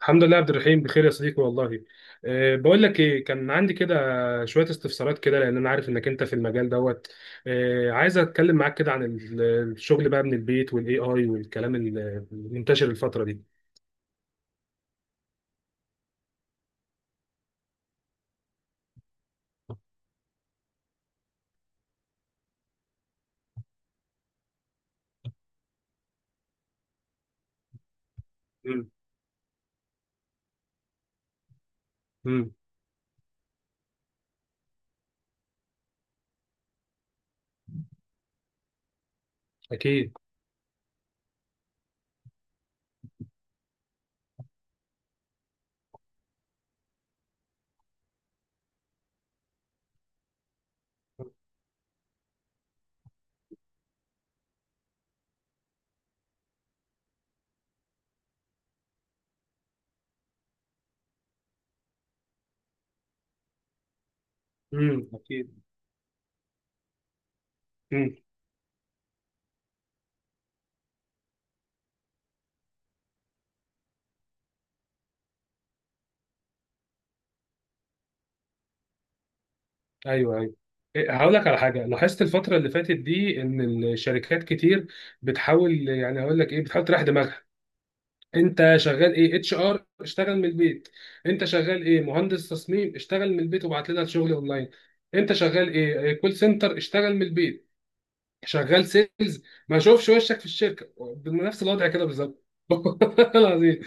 الحمد لله يا عبد الرحيم، بخير يا صديقي والله. أه بقول لك ايه، كان عندي كده شويه استفسارات كده، لان انا عارف انك انت في المجال دوت. أه عايز اتكلم معاك كده عن الشغل بقى من البيت والاي اي والكلام المنتشر الفتره دي. امم امم اكيد. اكيد. امم ايوه ايوه. إيه، هقول لك على حاجه لاحظت الفتره اللي فاتت دي، ان الشركات كتير بتحاول، يعني هقول لك ايه، بتحاول تريح دماغها. انت شغال ايه؟ اتش ار؟ اشتغل من البيت. انت شغال ايه؟ مهندس تصميم؟ اشتغل من البيت وبعت لنا الشغل اونلاين. انت شغال ايه؟ كول سنتر؟ اشتغل من البيت. شغال سيلز؟ ما اشوفش وشك في الشركه بنفس الوضع كده بالظبط. والله العظيم.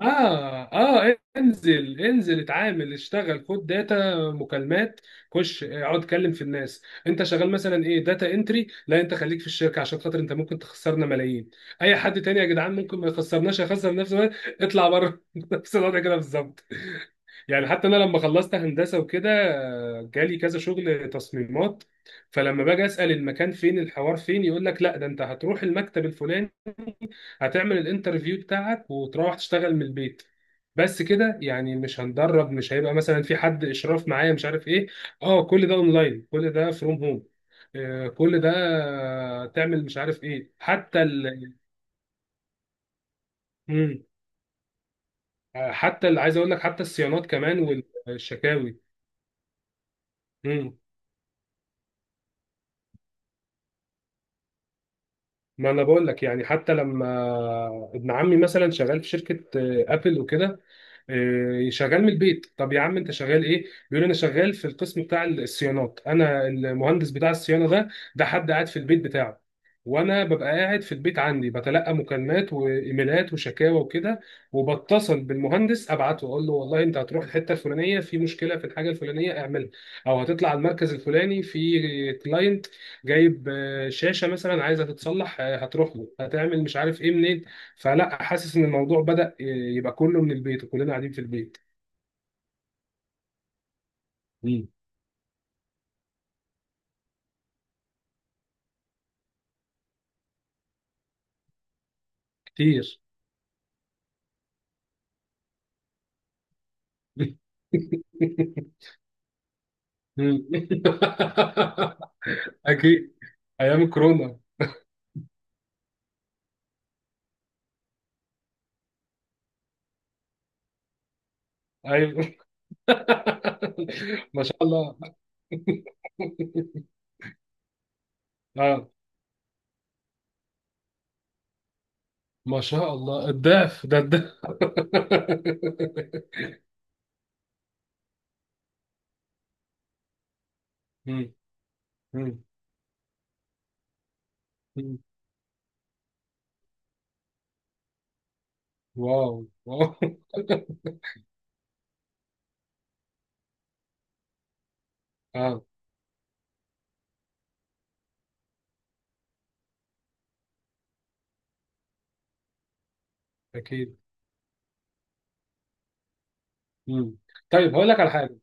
اه اه، انزل انزل، اتعامل، اشتغل، خد داتا مكالمات، خش اقعد اتكلم في الناس. انت شغال مثلا ايه؟ داتا انتري؟ لا انت خليك في الشركه عشان خاطر انت ممكن تخسرنا ملايين. اي حد تاني يا جدعان ممكن ما يخسرناش، يخسر نفسه. اطلع بره. نفس الوضع كده بالظبط. يعني حتى انا لما خلصت هندسه وكده آه، جالي كذا شغل تصميمات. فلما باجي اسال المكان فين، الحوار فين، يقول لك لا ده انت هتروح المكتب الفلاني، هتعمل الانترفيو بتاعك وتروح تشتغل من البيت. بس كده يعني؟ مش هندرب؟ مش هيبقى مثلا في حد اشراف معايا؟ مش عارف ايه؟ اه كل ده اونلاين، كل ده فروم هوم، كل ده آه، تعمل مش عارف ايه، حتى ال... مم. آه، حتى ال... عايز اقول لك حتى الصيانات كمان والشكاوي. مم. ما انا بقول لك، يعني حتى لما ابن عمي مثلا شغال في شركه آه، ابل وكده، إيه، شغال من البيت. طب يا عم انت شغال ايه؟ بيقول انا شغال في القسم بتاع الصيانات، انا المهندس بتاع الصيانه ده. ده حد قاعد في البيت بتاعه، وانا ببقى قاعد في البيت عندي بتلقى مكالمات وايميلات وشكاوى وكده، وبتصل بالمهندس ابعته، اقول له والله انت هتروح الحته الفلانيه، في مشكله في الحاجه الفلانيه، اعملها. او هتطلع المركز الفلاني في كلاينت جايب آه، شاشه مثلا عايزه تتصلح، آه، هتروح له، هتعمل مش عارف ايه، منين. فلا حاسس ان الموضوع بدأ يبقى كله من البيت وكلنا قاعدين في البيت. مم. كتير. مم. اكيد. ايام كورونا. ايوه. ما شاء الله. اه، ما شاء الله، الضعف ده، الضعف. مم. مم. مم. واو واو. اه. اكيد. مم. طيب هقول لك على حاجه.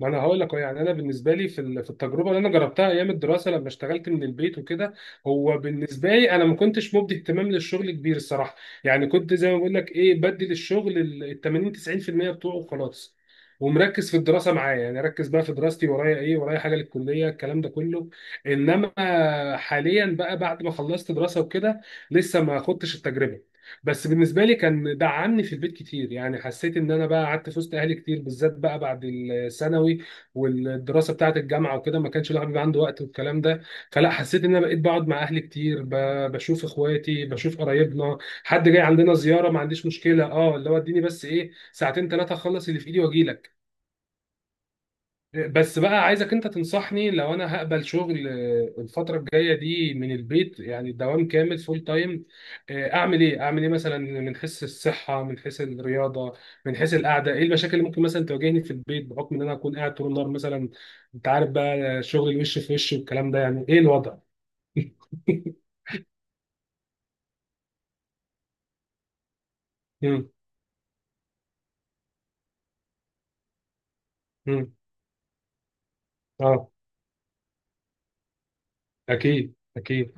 ما انا هقول لك أهو، يعني انا بالنسبه لي في في التجربه اللي انا جربتها ايام الدراسه لما اشتغلت من البيت وكده، هو بالنسبه لي انا ما كنتش مبدي اهتمام للشغل كبير الصراحه. يعني كنت زي ما بقول لك ايه، بدي للشغل ال 80 90% بتوعه وخلاص، ومركز في الدراسه معايا، يعني اركز بقى في دراستي، ورايا ايه، ورايا حاجه للكليه، الكلام ده كله. انما حاليا بقى بعد ما خلصت دراسه وكده، لسه ما خدتش التجربه. بس بالنسبه لي كان دعمني في البيت كتير، يعني حسيت ان انا بقى قعدت في وسط اهلي كتير، بالذات بقى بعد الثانوي والدراسه بتاعه الجامعه وكده ما كانش الواحد بيبقى عنده وقت والكلام ده. فلا، حسيت ان انا بقيت بقعد مع اهلي كتير، بشوف اخواتي، بشوف قرايبنا، حد جاي عندنا زياره ما عنديش مشكله، اه اللي هو اديني بس ايه ساعتين ثلاثه اخلص اللي في ايدي واجي لك. بس بقى عايزك انت تنصحني لو انا هقبل شغل آه، الفترة الجاية دي من البيت، يعني دوام كامل، فول تايم، آه، اعمل ايه؟ اعمل ايه مثلا من حيث الصحة، من حيث الرياضة، من حيث القعدة؟ ايه المشاكل اللي ممكن مثلا تواجهني في البيت بحكم ان انا اكون قاعد طول النهار مثلا؟ انت عارف بقى شغل الوش في وش والكلام ده، يعني ايه الوضع؟ مم، مم. اه. اكيد اكيد.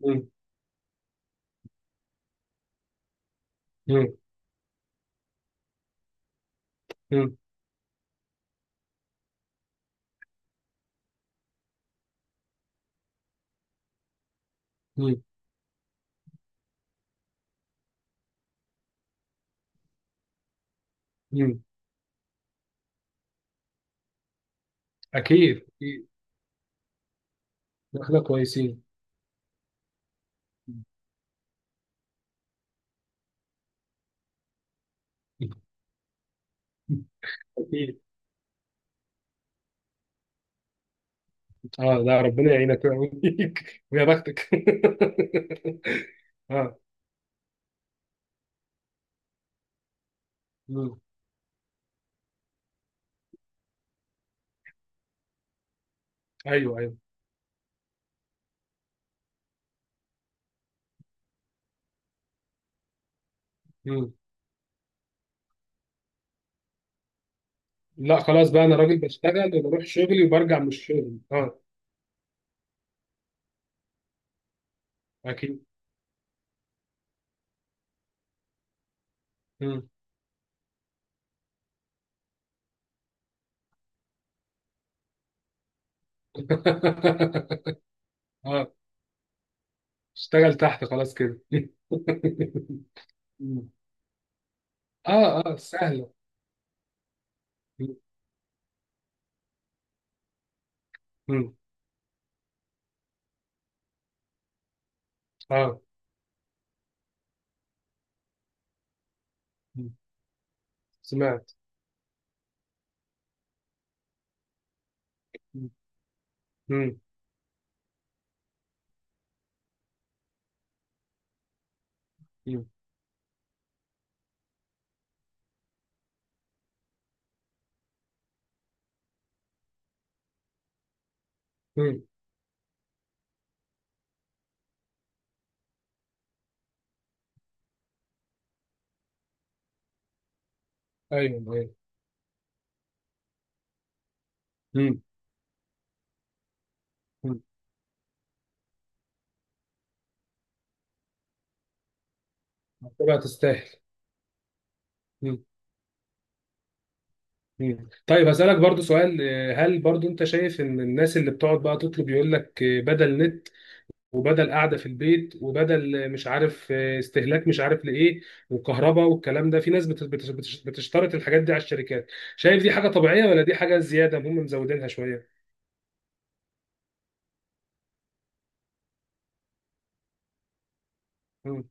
مم، مم، مم، مم، مم. اكيد اكيد. احنا كويسين. اكيد. اه لا، ربنا يعينك ويقويك ويا بختك. اه. مم. ايوه ايوه. مم. لا خلاص بقى، انا راجل بشتغل وبروح شغلي وبرجع من الشغل. اه. اكيد. مم. اه. اشتغل تحت خلاص كده. مم. اه اه سهله. مم. مم. اه. مم. سمعت. مم. مم. مم. مم. ايوه ايوه. مم. مم. طبعا تستاهل. مم. طيب هسألك برضو سؤال، آه، هل برضو انت شايف ان الناس اللي بتقعد بقى تطلب، يقول لك آه، بدل نت، وبدل قعدة في البيت، وبدل آه، مش عارف آه، استهلاك مش عارف لإيه، وكهرباء والكلام ده، في ناس بتشترط الحاجات دي على الشركات؟ شايف دي حاجة طبيعية؟ ولا دي حاجة زيادة هم مزودينها شوية؟ مم.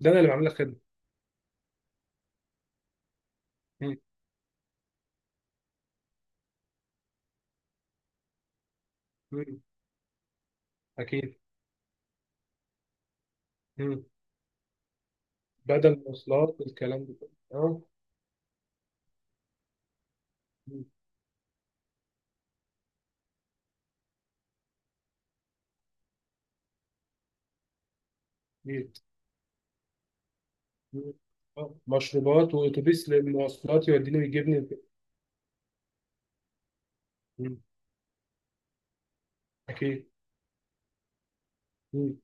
ده انا اللي بعمل لك خدمة. مم. مم. اكيد. مم. بدل مواصلات، الكلام ده. اه. مم. أكيد. مم. آه. مشروبات، واتوبيس للمواصلات يوديني ويجيبني. مم. اكيد. مم.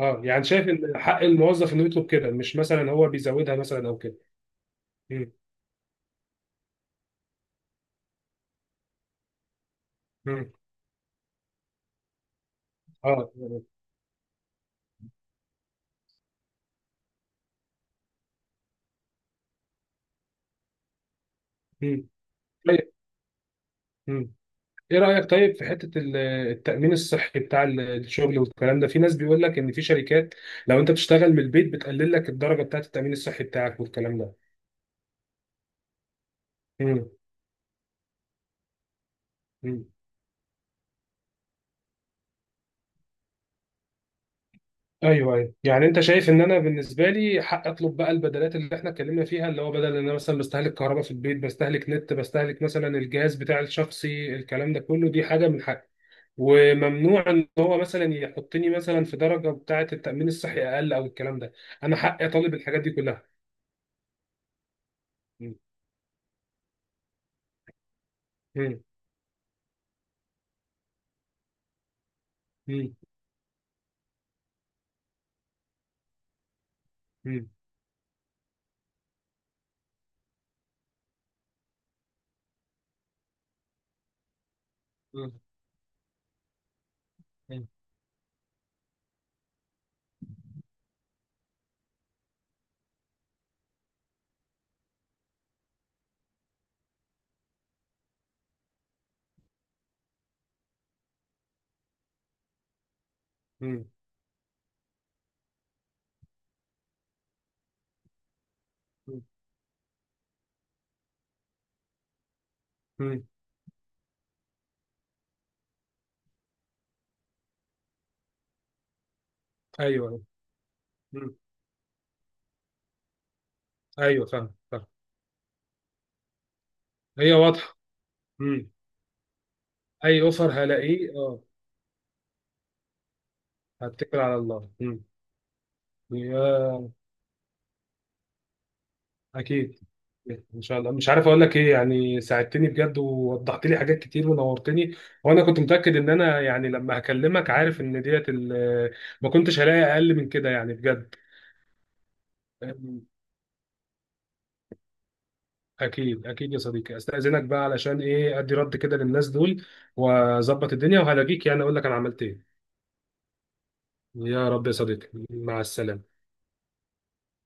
اه، يعني شايف ان حق الموظف انه يطلب كده؟ مش مثلا هو بيزودها مثلا او كده؟ مم. مم. اه. مم. طيب. مم. ايه رايك طيب في حته التامين الصحي بتاع الشغل والكلام ده؟ في ناس بيقول لك ان في شركات لو انت بتشتغل من البيت بتقلل لك الدرجه بتاعه التامين الصحي بتاعك والكلام ده. مم. مم. ايوه ايوه، يعني انت شايف ان انا بالنسبه لي حق اطلب بقى البدلات اللي احنا اتكلمنا فيها، اللي هو بدل ان انا مثلا بستهلك كهرباء في البيت، بستهلك نت، بستهلك مثلا الجهاز بتاع الشخصي، الكلام ده كله، دي حاجه من حقي، وممنوع ان هو مثلا يحطني مثلا في درجه بتاعه التامين الصحي اقل او الكلام ده. انا حقي اطالب الحاجات دي كلها. مم. مم. مم. مم. مم. مم. مم. مم. ايوه. مم. ايوه، فاهم فاهم. هي واضحه. مم. اي اوفر هلاقيه، اه. هتكل على الله. مم. يا. اكيد. ان شاء الله، مش عارف اقول لك ايه، يعني ساعدتني بجد، ووضحت لي حاجات كتير، ونورتني. وانا كنت متاكد ان انا يعني لما هكلمك عارف ان ديت ما كنتش هلاقي اقل من كده يعني، بجد. أم، اكيد اكيد يا صديقي. استاذنك بقى علشان ايه ادي رد كده للناس دول، واظبط الدنيا، وهلاقيك يعني اقول لك انا عملت ايه. يا رب يا صديقي، مع السلامه.